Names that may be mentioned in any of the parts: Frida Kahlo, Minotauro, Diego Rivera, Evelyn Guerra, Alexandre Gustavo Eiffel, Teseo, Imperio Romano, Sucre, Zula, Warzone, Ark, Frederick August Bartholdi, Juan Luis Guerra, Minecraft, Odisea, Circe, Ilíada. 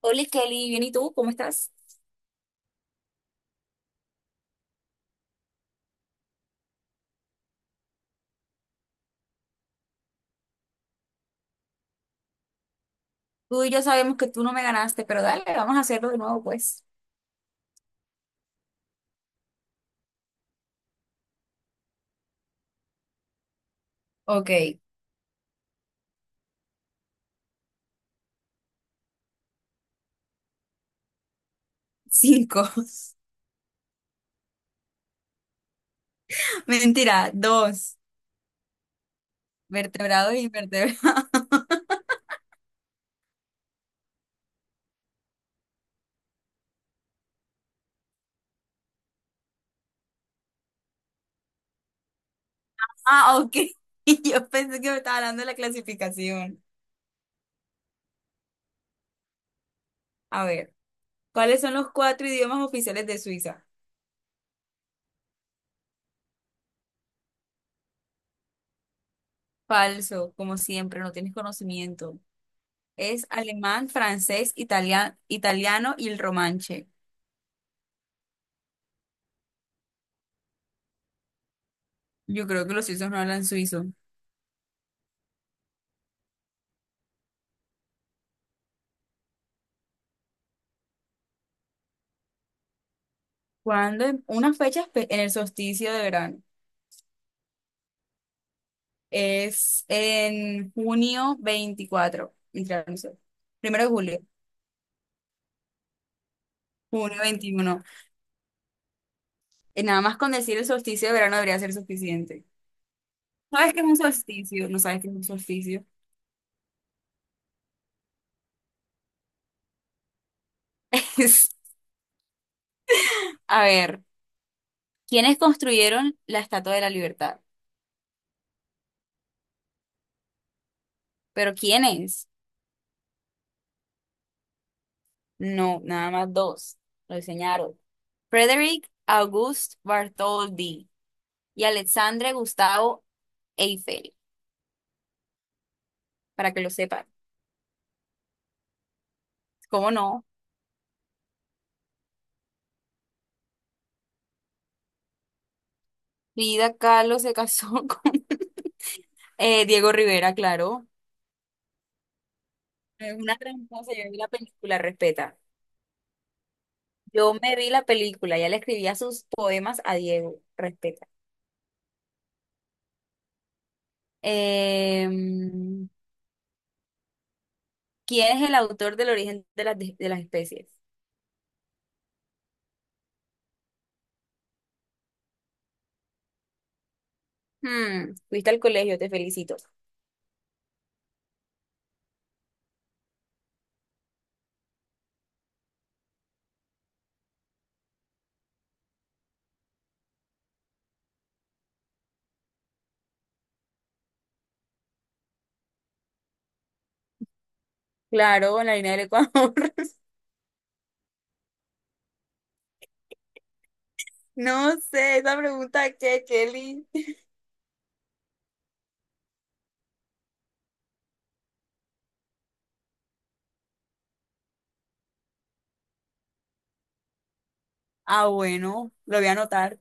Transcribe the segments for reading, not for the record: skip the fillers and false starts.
Hola Kelly, bien, ¿y tú? ¿Cómo estás? Tú y yo sabemos que tú no me ganaste, pero dale, vamos a hacerlo de nuevo, pues. Ok, cinco. Mentira, dos. Vertebrados y invertebrados. Ah, ok. Yo pensé que me estaba hablando de la clasificación. A ver, ¿cuáles son los cuatro idiomas oficiales de Suiza? Falso, como siempre, no tienes conocimiento. Es alemán, francés, italiano y el romanche. Yo creo que los suizos no hablan suizo. ¿Cuándo? Una fecha en el solsticio de verano. Es en 24 de junio literal, no sé, primero de julio, 21 de junio. Nada más con decir el solsticio de verano debería ser suficiente. No, ¿sabes qué es un solsticio? No sabes qué es un solsticio. Es, a ver, ¿quiénes construyeron la Estatua de la Libertad? ¿Pero quiénes? No, nada más dos. Lo diseñaron. Frederick August Bartholdi y Alexandre Gustavo Eiffel, para que lo sepan. ¿Cómo no? Frida Kahlo se casó con Diego Rivera, claro. Es una tramposa, yo vi la película, respeta. Yo me vi la película, ya le escribía sus poemas a Diego, respeta. Em, ¿Quién es el autor del origen de las especies? Hmm, fuiste al colegio, te felicito. Claro, en la línea del Ecuador. No sé, esa pregunta que, Kelly. Ah, bueno, lo voy a anotar,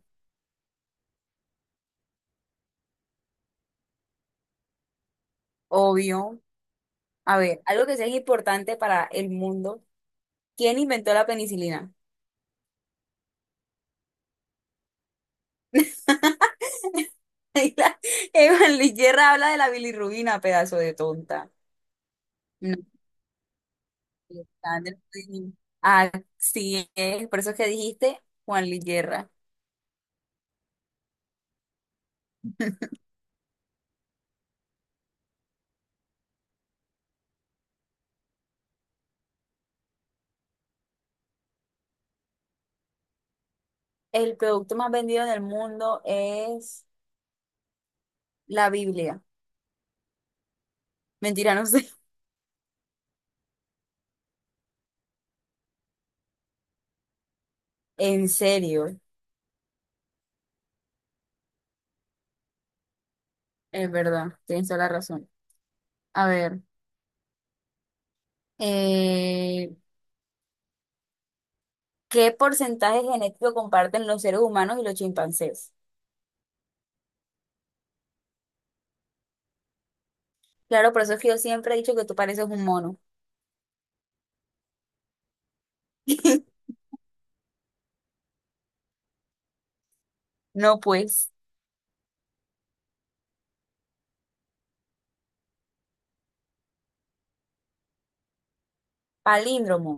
obvio. A ver, algo que sea importante para el mundo. ¿Quién inventó la penicilina? Evelyn Guerra habla de la bilirrubina, pedazo de tonta. No, Sandra, sí. Así es, por eso es que dijiste Juan Luis Guerra. El producto más vendido en el mundo es la Biblia. Mentira, no sé. ¿En serio? Es verdad, tienes toda la razón. A ver, eh, ¿qué porcentaje genético comparten los seres humanos y los chimpancés? Claro, por eso es que yo siempre he dicho que tú pareces un mono. No, pues, palíndromo.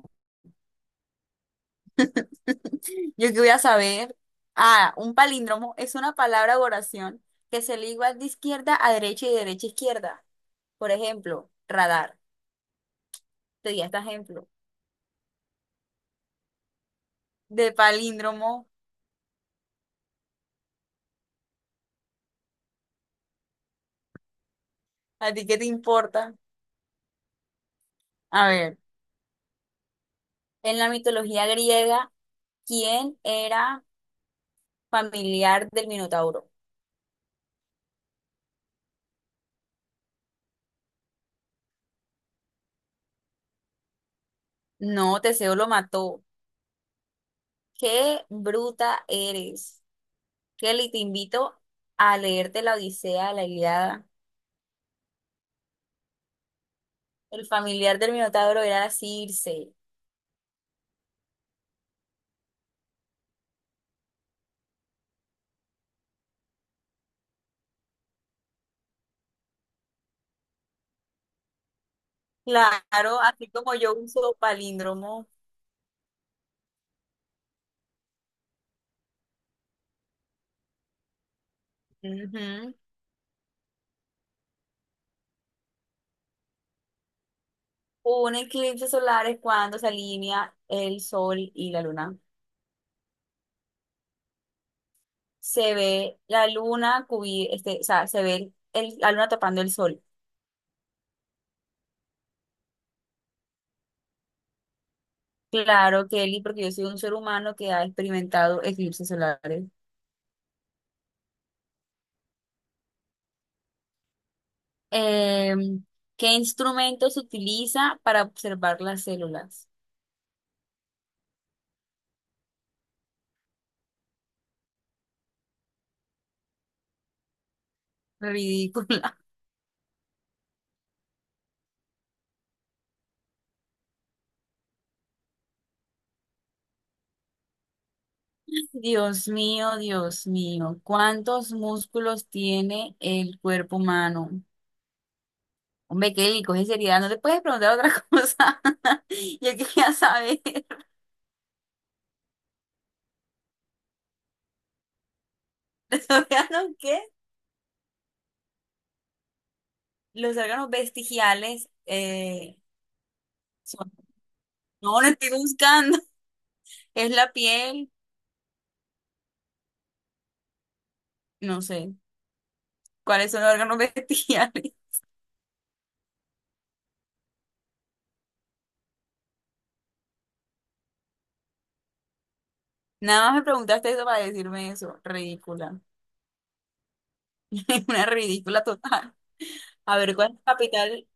Yo que voy a saber. Ah, un palíndromo es una palabra o oración que se lee igual de izquierda a derecha y de derecha a izquierda. Por ejemplo, radar. Te di este ejemplo. De palíndromo. ¿A ti qué te importa? A ver, en la mitología griega, ¿quién era familiar del Minotauro? No, Teseo lo mató. Qué bruta eres. Kelly, te invito a leerte la Odisea, la Ilíada. El familiar del Minotauro era Circe. Claro, así como yo uso palíndromo, ujú. Un eclipse solar es cuando se alinea el sol y la luna. Se ve la luna o sea, se ve la luna tapando el sol. Claro, Kelly, porque yo soy un ser humano que ha experimentado eclipses solares. Em, ¿Qué instrumento se utiliza para observar las células? Ridícula. Dios mío, ¿cuántos músculos tiene el cuerpo humano? Hombre, Kelly, coge seriedad, no te puedes preguntar otra cosa. Yo quería saber. ¿Los órganos qué? Los órganos vestigiales son... No, lo estoy buscando. Es la piel, no sé. ¿Cuáles son los órganos vestigiales? Nada más me preguntaste eso para decirme eso. Ridícula. Una ridícula total. A ver, ¿cuál es la capital?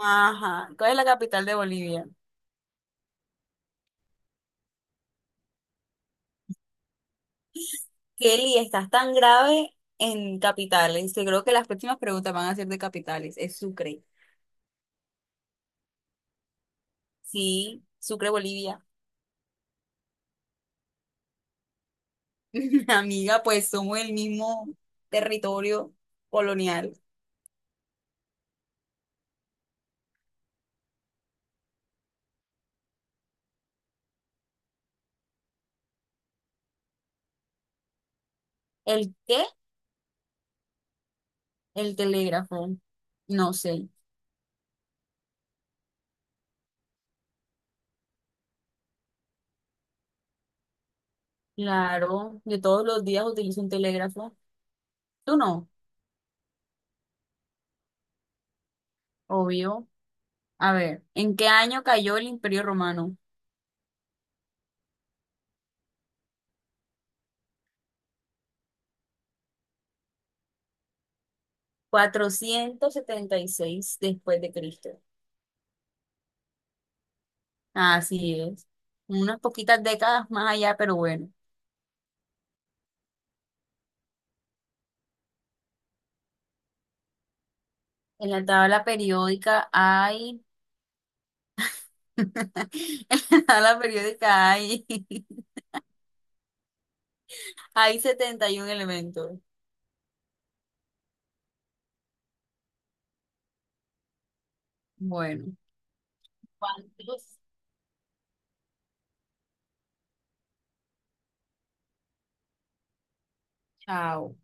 Ajá, ¿cuál es la capital de Bolivia? Kelly, estás tan grave en capitales que creo que las próximas preguntas van a ser de capitales. Es Sucre. Sí, Sucre, Bolivia. Amiga, pues somos el mismo territorio colonial. ¿El qué? El telégrafo. No sé. Claro, yo todos los días utilizo un telégrafo. Tú no, obvio. A ver, ¿en qué año cayó el Imperio Romano? 476 después de Cristo. Así es. Unas poquitas décadas más allá, pero bueno. En la tabla periódica hay... En la tabla periódica hay... Hay 71 elementos. Bueno, ¿cuántos? Chao.